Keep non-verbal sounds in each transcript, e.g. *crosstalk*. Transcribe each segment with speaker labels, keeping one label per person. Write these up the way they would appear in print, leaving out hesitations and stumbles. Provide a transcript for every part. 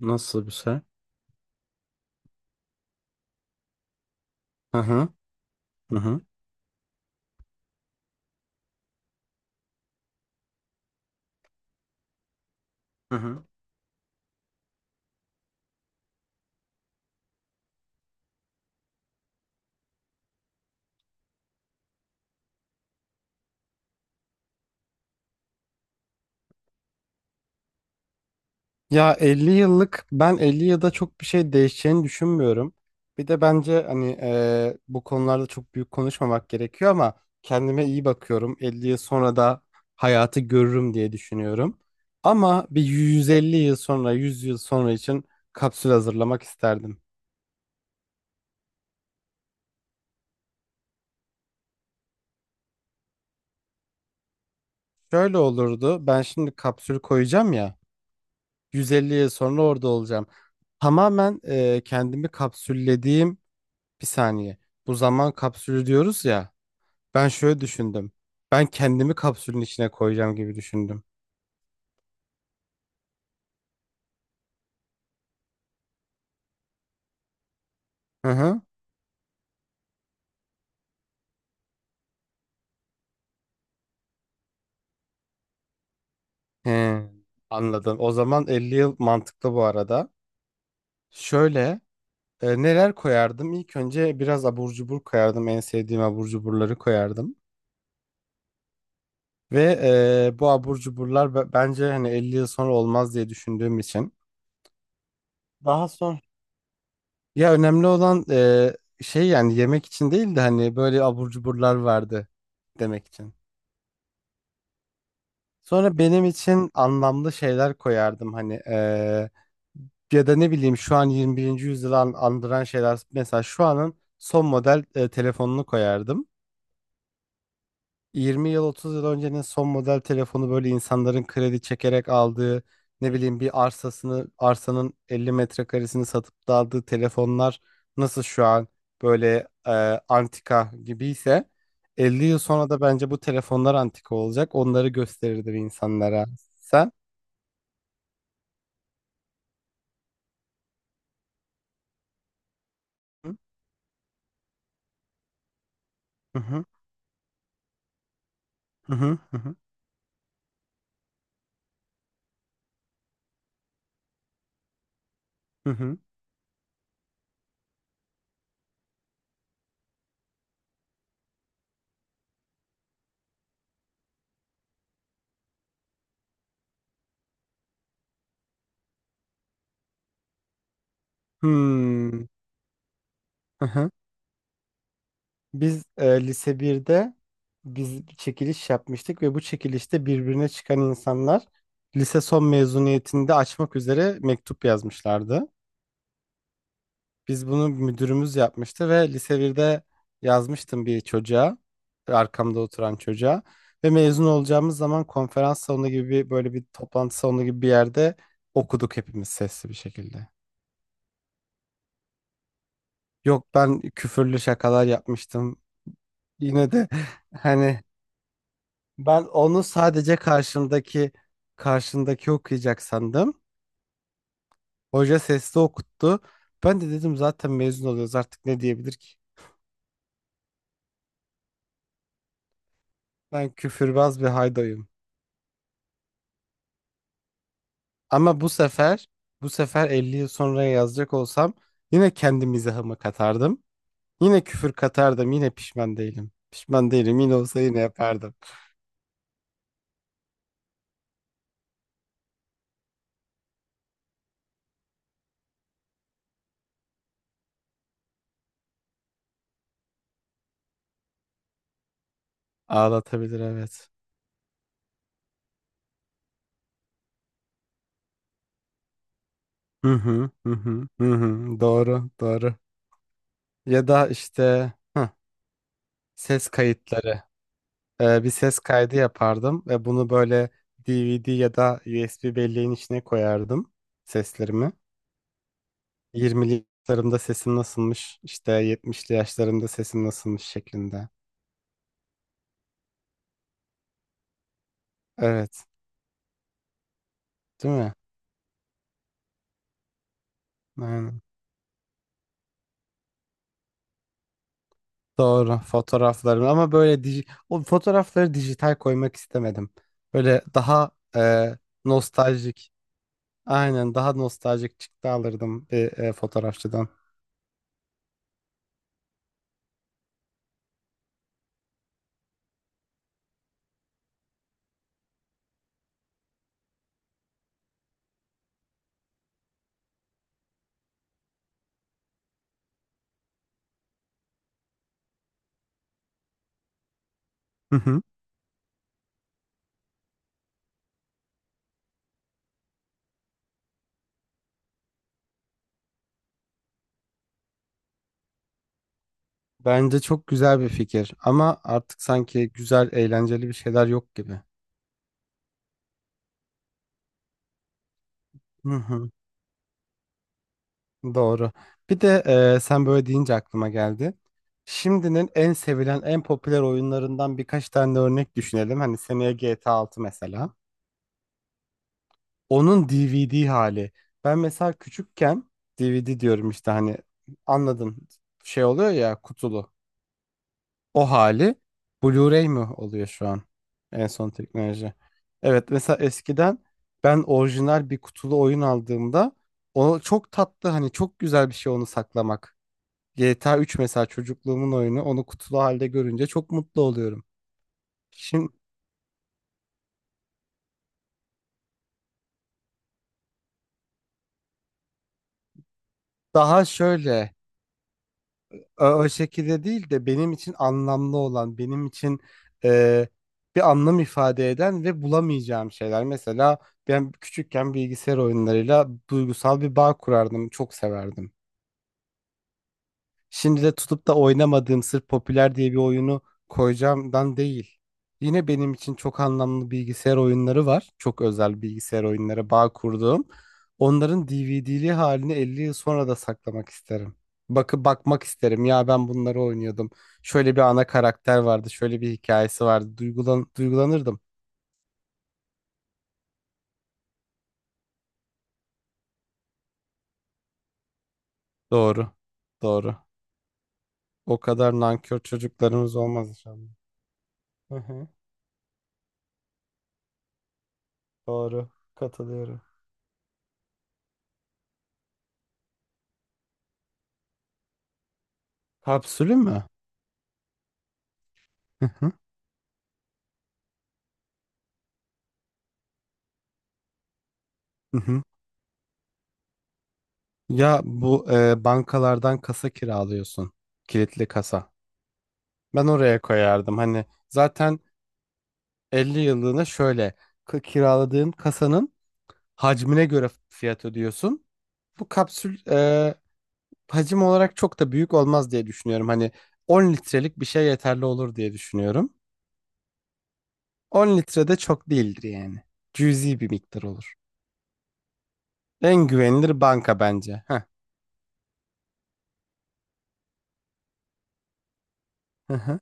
Speaker 1: Nasıl bir şey? Hı hı. Hı hı. Hı hı. Ya 50 yıllık, ben 50 yılda çok bir şey değişeceğini düşünmüyorum. Bir de bence hani bu konularda çok büyük konuşmamak gerekiyor ama kendime iyi bakıyorum. 50 yıl sonra da hayatı görürüm diye düşünüyorum. Ama bir 150 yıl sonra, 100 yıl sonra için kapsül hazırlamak isterdim. Şöyle olurdu. Ben şimdi kapsül koyacağım ya. 150 yıl sonra orada olacağım. Tamamen kendimi kapsüllediğim. Bir saniye. Bu zaman kapsülü diyoruz ya. Ben şöyle düşündüm. Ben kendimi kapsülün içine koyacağım gibi düşündüm. Hı hı. He, anladım. O zaman 50 yıl mantıklı bu arada. Şöyle neler koyardım? İlk önce biraz abur cubur koyardım. En sevdiğim abur cuburları koyardım. Ve bu abur cuburlar bence hani 50 yıl sonra olmaz diye düşündüğüm için. Daha sonra. Ya önemli olan şey, yani yemek için değil de hani böyle abur cuburlar vardı demek için. Sonra benim için anlamlı şeyler koyardım hani ya da ne bileyim şu an 21. yüzyılı andıran şeyler, mesela şu anın son model telefonunu koyardım. 20 yıl 30 yıl öncenin son model telefonu, böyle insanların kredi çekerek aldığı, ne bileyim, bir arsasını, arsanın 50 metrekaresini satıp da aldığı telefonlar nasıl şu an böyle antika gibiyse, 50 yıl sonra da bence bu telefonlar antika olacak, onları gösterirdim insanlara. Sen? Hı hı hı hı hı hı hı. hı. Hmm, hı hı. Biz lise birde, biz bir çekiliş yapmıştık ve bu çekilişte birbirine çıkan insanlar lise son mezuniyetinde açmak üzere mektup yazmışlardı. Biz bunu müdürümüz yapmıştı ve lise birde yazmıştım bir çocuğa, arkamda oturan çocuğa, ve mezun olacağımız zaman konferans salonu gibi böyle bir toplantı salonu gibi bir yerde okuduk hepimiz sesli bir şekilde. Yok, ben küfürlü şakalar yapmıştım. Yine de hani ben onu sadece karşındaki okuyacak sandım. Hoca sesli okuttu. Ben de dedim zaten mezun oluyoruz artık, ne diyebilir ki? Ben küfürbaz bir haydoyum. Ama bu sefer 50 yıl sonra yazacak olsam yine kendi mizahımı katardım. Yine küfür katardım. Yine pişman değilim. Pişman değilim. Yine olsa yine yapardım. Ağlatabilir, evet. Hı. Doğru, doğru. Ya da işte Ses kayıtları. Bir ses kaydı yapardım ve bunu böyle DVD ya da USB belleğin içine koyardım, seslerimi. 20'li yaşlarımda sesim nasılmış, işte 70'li yaşlarımda sesim nasılmış şeklinde. Evet, değil mi? Aynen. Doğru, fotoğraflarım ama böyle o fotoğrafları dijital koymak istemedim. Böyle daha e, nostaljik, aynen, daha nostaljik çıktı alırdım bir fotoğrafçıdan. *laughs* Bence çok güzel bir fikir ama artık sanki güzel, eğlenceli bir şeyler yok gibi. Hı hı, doğru. Bir de sen böyle deyince aklıma geldi. Şimdinin en sevilen, en popüler oyunlarından birkaç tane örnek düşünelim. Hani seneye GTA 6 mesela. Onun DVD hali. Ben mesela küçükken DVD diyorum işte, hani anladın, şey oluyor ya, kutulu. O hali Blu-ray mi oluyor şu an? En son teknoloji. Evet, mesela eskiden ben orijinal bir kutulu oyun aldığımda, o çok tatlı, hani çok güzel bir şey onu saklamak. GTA 3 mesela, çocukluğumun oyunu, onu kutulu halde görünce çok mutlu oluyorum. Şimdi daha şöyle, o şekilde değil de benim için anlamlı olan, benim için e, bir anlam ifade eden ve bulamayacağım şeyler. Mesela ben küçükken bilgisayar oyunlarıyla duygusal bir bağ kurardım, çok severdim. Şimdi de tutup da oynamadığım sırf popüler diye bir oyunu koyacağımdan değil. Yine benim için çok anlamlı bilgisayar oyunları var. Çok özel bilgisayar oyunları, bağ kurduğum. Onların DVD'li halini 50 yıl sonra da saklamak isterim. Bakmak isterim. Ya ben bunları oynuyordum. Şöyle bir ana karakter vardı. Şöyle bir hikayesi vardı. Duygulanırdım. Doğru. Doğru. O kadar nankör çocuklarımız olmaz inşallah. Hı hı. Doğru. Katılıyorum. Kapsülü mü? Hı hı. Hı hı. Ya bu bankalardan kasa kiralıyorsun. Kilitli kasa. Ben oraya koyardım. Hani zaten 50 yıllığına şöyle kiraladığın kasanın hacmine göre fiyat ödüyorsun. Bu kapsül hacim olarak çok da büyük olmaz diye düşünüyorum. Hani 10 litrelik bir şey yeterli olur diye düşünüyorum. 10 litre de çok değildir yani. Cüzi bir miktar olur. En güvenilir banka bence. Heh. Hı hı.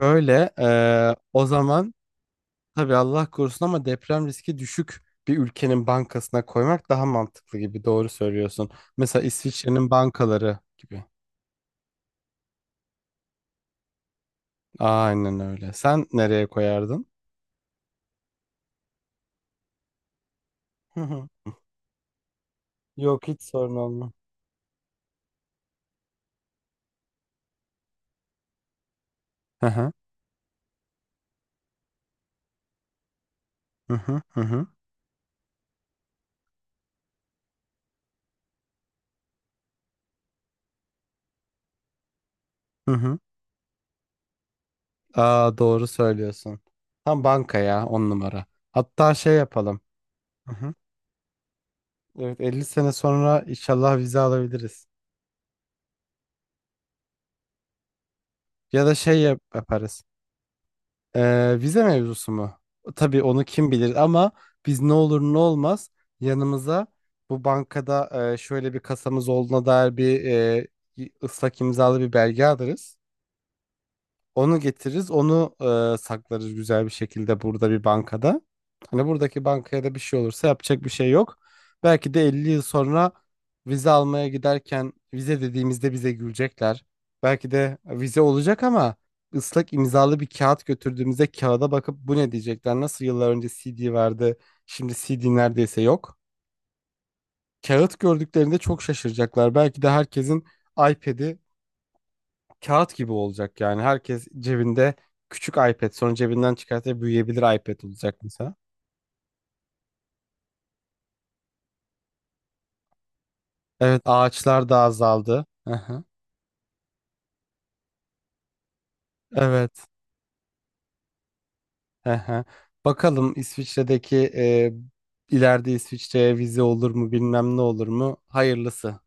Speaker 1: Şöyle o zaman. Tabii Allah korusun ama deprem riski düşük bir ülkenin bankasına koymak daha mantıklı gibi, doğru söylüyorsun. Mesela İsviçre'nin bankaları gibi. Aynen öyle. Sen nereye koyardın? Hı hı. Yok, hiç sorun olmaz. Hı hı. Hı hı. Hı hı. Hı hı. Aa, doğru söylüyorsun. Tam banka ya, on numara. Hatta şey yapalım. Hı hı. Evet, 50 sene sonra inşallah vize alabiliriz. Ya da şey yaparız. Vize mevzusu mu? Tabii onu kim bilir ama biz ne olur ne olmaz yanımıza bu bankada şöyle bir kasamız olduğuna dair bir ıslak imzalı bir belge alırız. Onu getiririz, onu saklarız güzel bir şekilde burada bir bankada. Hani buradaki bankaya da bir şey olursa yapacak bir şey yok. Belki de 50 yıl sonra vize almaya giderken vize dediğimizde bize gülecekler. Belki de vize olacak ama ıslak imzalı bir kağıt götürdüğümüzde kağıda bakıp bu ne diyecekler? Nasıl yıllar önce CD vardı, şimdi CD neredeyse yok. Kağıt gördüklerinde çok şaşıracaklar. Belki de herkesin iPad'i kağıt gibi olacak yani. Herkes cebinde küçük iPad, sonra cebinden çıkartıp büyüyebilir iPad olacak mesela. Evet, ağaçlar da azaldı. Hı. Evet. Hı hı. Bakalım İsviçre'deki ileride İsviçre'ye vize olur mu bilmem, ne olur mu? Hayırlısı.